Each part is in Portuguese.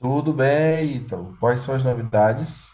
Tudo bem, então. Quais são as novidades?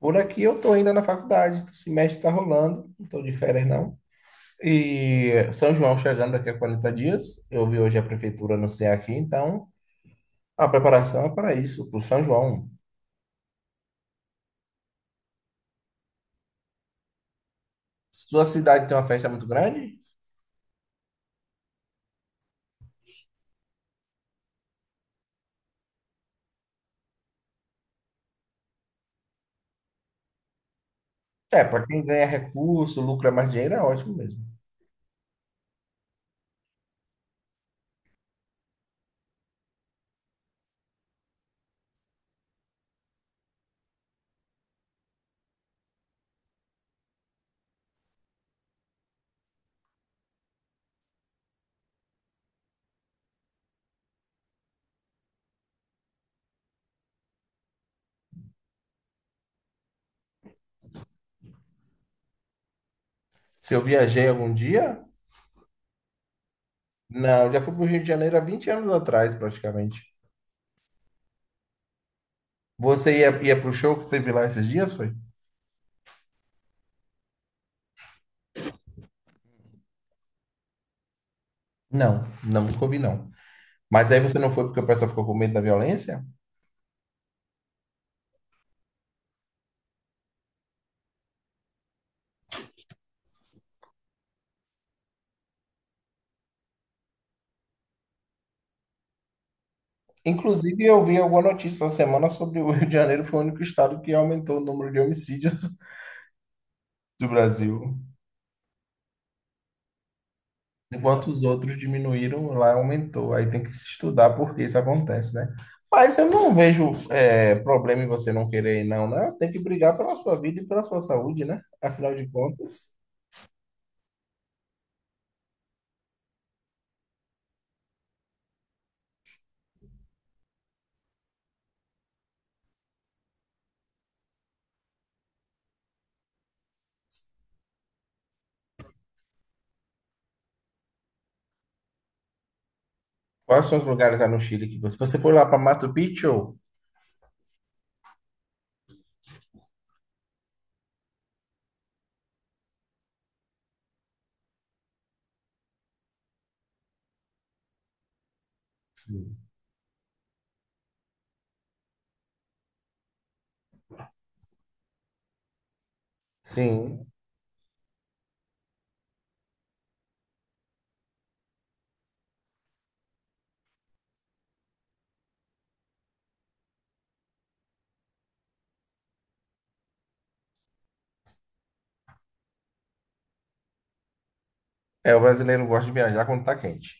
Por aqui eu tô ainda na faculdade, o semestre tá rolando, não tô de férias não. E São João chegando daqui a 40 dias. Eu vi hoje a prefeitura anunciar aqui, então a preparação é para isso, para o São João. Sua cidade tem uma festa muito grande? É, para quem ganha recurso, lucra mais dinheiro, é ótimo mesmo. Se eu viajei algum dia? Não, eu já fui para o Rio de Janeiro há 20 anos atrás, praticamente. Você ia para o show que teve lá esses dias, foi? Não, não, nunca ouvi, não. Mas aí você não foi porque o pessoal ficou com medo da violência? Inclusive, eu vi alguma notícia essa semana sobre o Rio de Janeiro foi o único estado que aumentou o número de homicídios do Brasil. Enquanto os outros diminuíram, lá aumentou. Aí tem que se estudar por que isso acontece, né? Mas eu não vejo é, problema em você não querer ir, não, né? Tem que brigar pela sua vida e pela sua saúde, né? Afinal de contas, quais são os lugares lá no Chile que você... Você foi lá para Machu Picchu? Sim. Sim. É, o brasileiro gosta de viajar quando tá quente.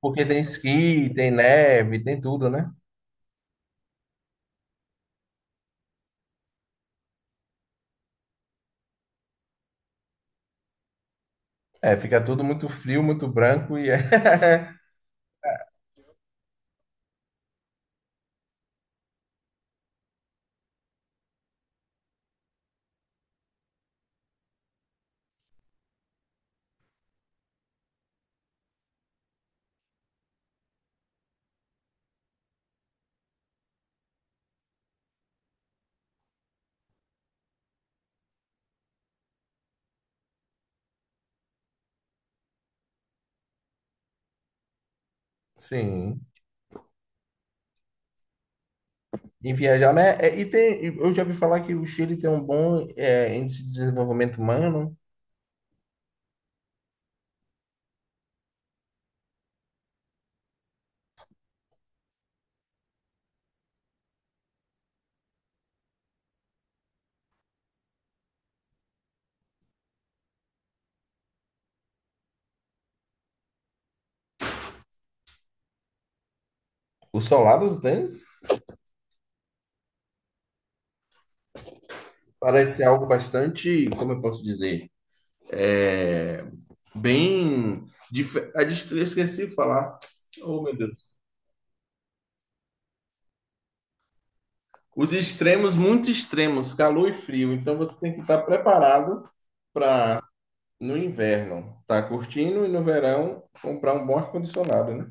Porque tem esqui, tem neve, tem tudo, né? É, fica tudo muito frio, muito branco e é. Sim. E viajar, né? É, E tem, eu já ouvi falar que o Chile tem um bom é, índice de desenvolvimento humano. O solado do tênis parece ser algo bastante, como eu posso dizer, é bem. Dif- a dist- eu esqueci de falar. Oh, meu Deus. Os extremos, muito extremos, calor e frio. Então você tem que estar preparado para no inverno tá curtindo e no verão comprar um bom ar-condicionado, né?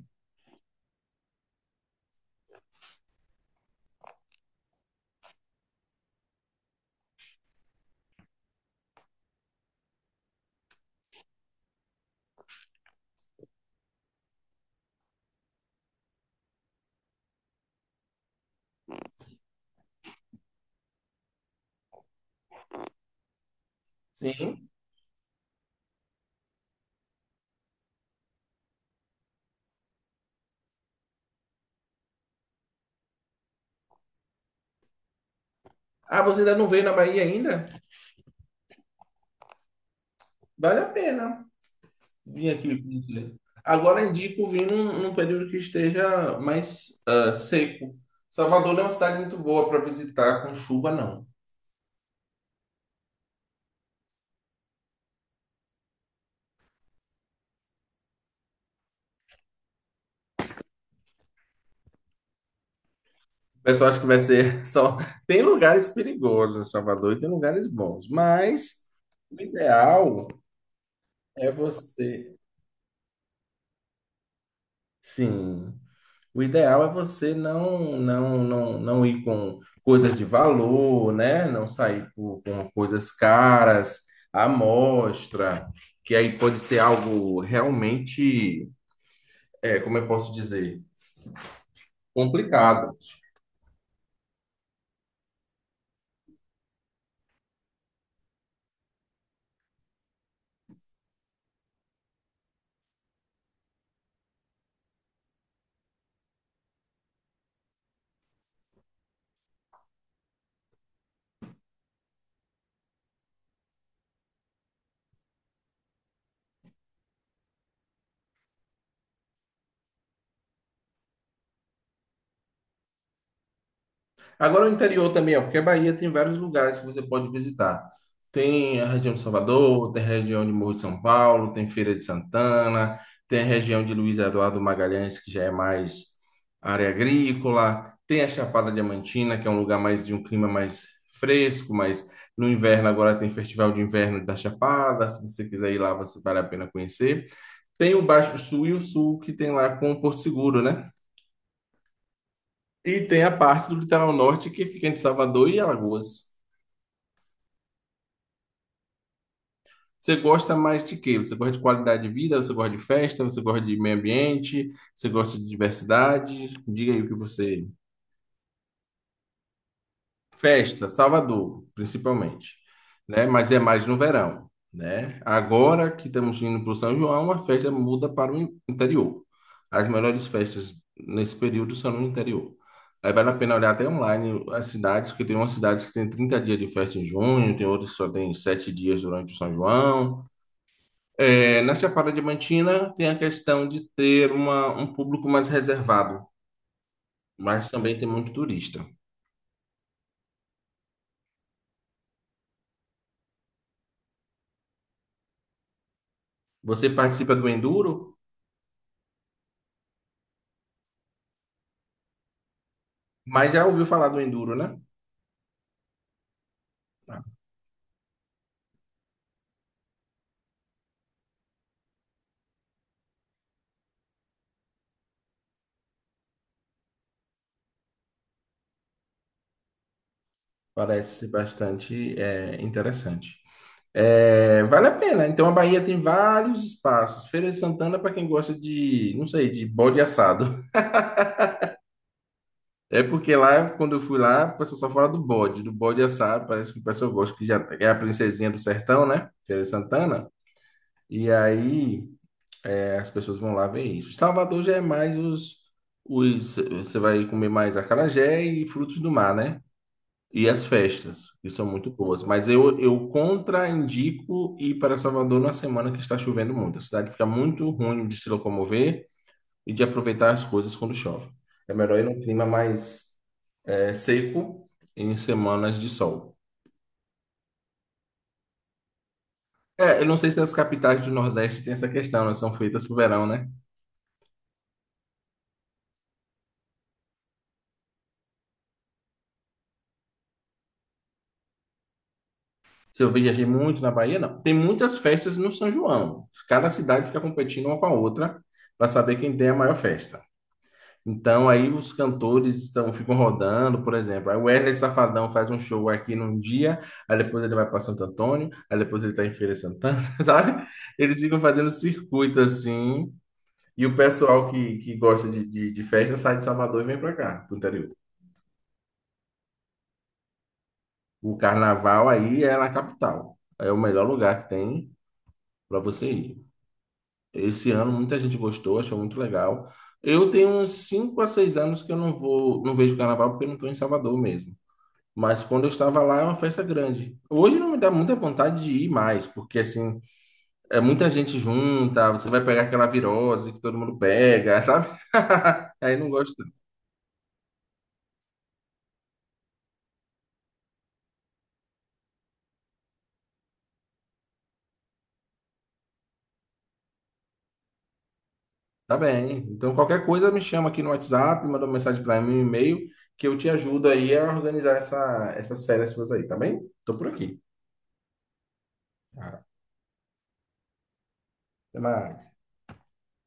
Sim. Ah, você ainda não veio na Bahia ainda? Vale a pena vir aqui conhecer. Agora é indico vir num, num período que esteja mais ah, seco. Salvador não é uma cidade muito boa para visitar com chuva, não. O pessoal acha que vai ser só. Tem lugares perigosos em Salvador e tem lugares bons, mas o ideal é você. Sim. O ideal é você não ir com coisas de valor, né? Não sair com coisas caras, à mostra, que aí pode ser algo realmente, é, como eu posso dizer, complicado. Agora o interior também, ó, porque a Bahia tem vários lugares que você pode visitar. Tem a região de Salvador, tem a região de Morro de São Paulo, tem Feira de Santana, tem a região de Luiz Eduardo Magalhães, que já é mais área agrícola, tem a Chapada Diamantina, que é um lugar mais de um clima mais fresco, mas no inverno agora tem Festival de Inverno da Chapada, se você quiser ir lá, você vale a pena conhecer. Tem o Baixo Sul e o Sul, que tem lá com o Porto Seguro, né? E tem a parte do litoral norte que fica entre Salvador e Alagoas. Você gosta mais de quê? Você gosta de qualidade de vida? Você gosta de festa? Você gosta de meio ambiente? Você gosta de diversidade? Diga aí o que você. Festa, Salvador, principalmente, né? Mas é mais no verão, né? Agora que estamos indo para o São João, a festa muda para o in- interior. As melhores festas nesse período são no interior. Aí vale a pena olhar até online as cidades, porque tem umas cidades que tem 30 dias de festa em junho, tem outras que só tem 7 dias durante o São João. É, na Chapada Diamantina tem a questão de ter uma, um público mais reservado, mas também tem muito turista. Você participa do Enduro, mas já ouviu falar do Enduro, né? Ah, parece bastante é, interessante. É, vale a pena. Então a Bahia tem vários espaços. Feira de Santana para quem gosta de, não sei, de bode assado. É porque lá, quando eu fui lá, o pessoal só fala do bode assado. Parece que o pessoal gosta que já é a princesinha do sertão, né? Feira de Santana. E aí as pessoas vão lá ver isso. Salvador já é mais os, os. Você vai comer mais acarajé e frutos do mar, né? E as festas, que são muito boas. Mas eu contraindico ir para Salvador na semana que está chovendo muito. A cidade fica muito ruim de se locomover e de aproveitar as coisas quando chove. É melhor ir num clima mais é, seco em semanas de sol. É, eu não sei se as capitais do Nordeste têm essa questão, elas são feitas para o verão, né? Se eu viajei muito na Bahia, não. Tem muitas festas no São João. Cada cidade fica competindo uma com a outra para saber quem tem a maior festa. Então aí os cantores estão ficam rodando, por exemplo. Aí o Wesley Safadão faz um show aqui num dia, aí depois ele vai para Santo Antônio, aí depois ele está em Feira de Santana, sabe? Eles ficam fazendo circuito assim. E o pessoal que gosta de festa sai de Salvador e vem para cá, pro interior. O carnaval aí é na capital. É o melhor lugar que tem para você ir. Esse ano muita gente gostou, achou muito legal. Eu tenho uns 5 a 6 anos que eu não vou, não vejo carnaval porque eu não estou em Salvador mesmo. Mas quando eu estava lá é uma festa grande. Hoje não me dá muita vontade de ir mais, porque assim, é muita gente junta, você vai pegar aquela virose que todo mundo pega, sabe? Aí não gosto. Tá bem. Então qualquer coisa me chama aqui no WhatsApp, manda uma mensagem para mim, um e-mail, que eu te ajudo aí a organizar essas férias suas aí, tá bem? Tô por aqui. Ah, até mais.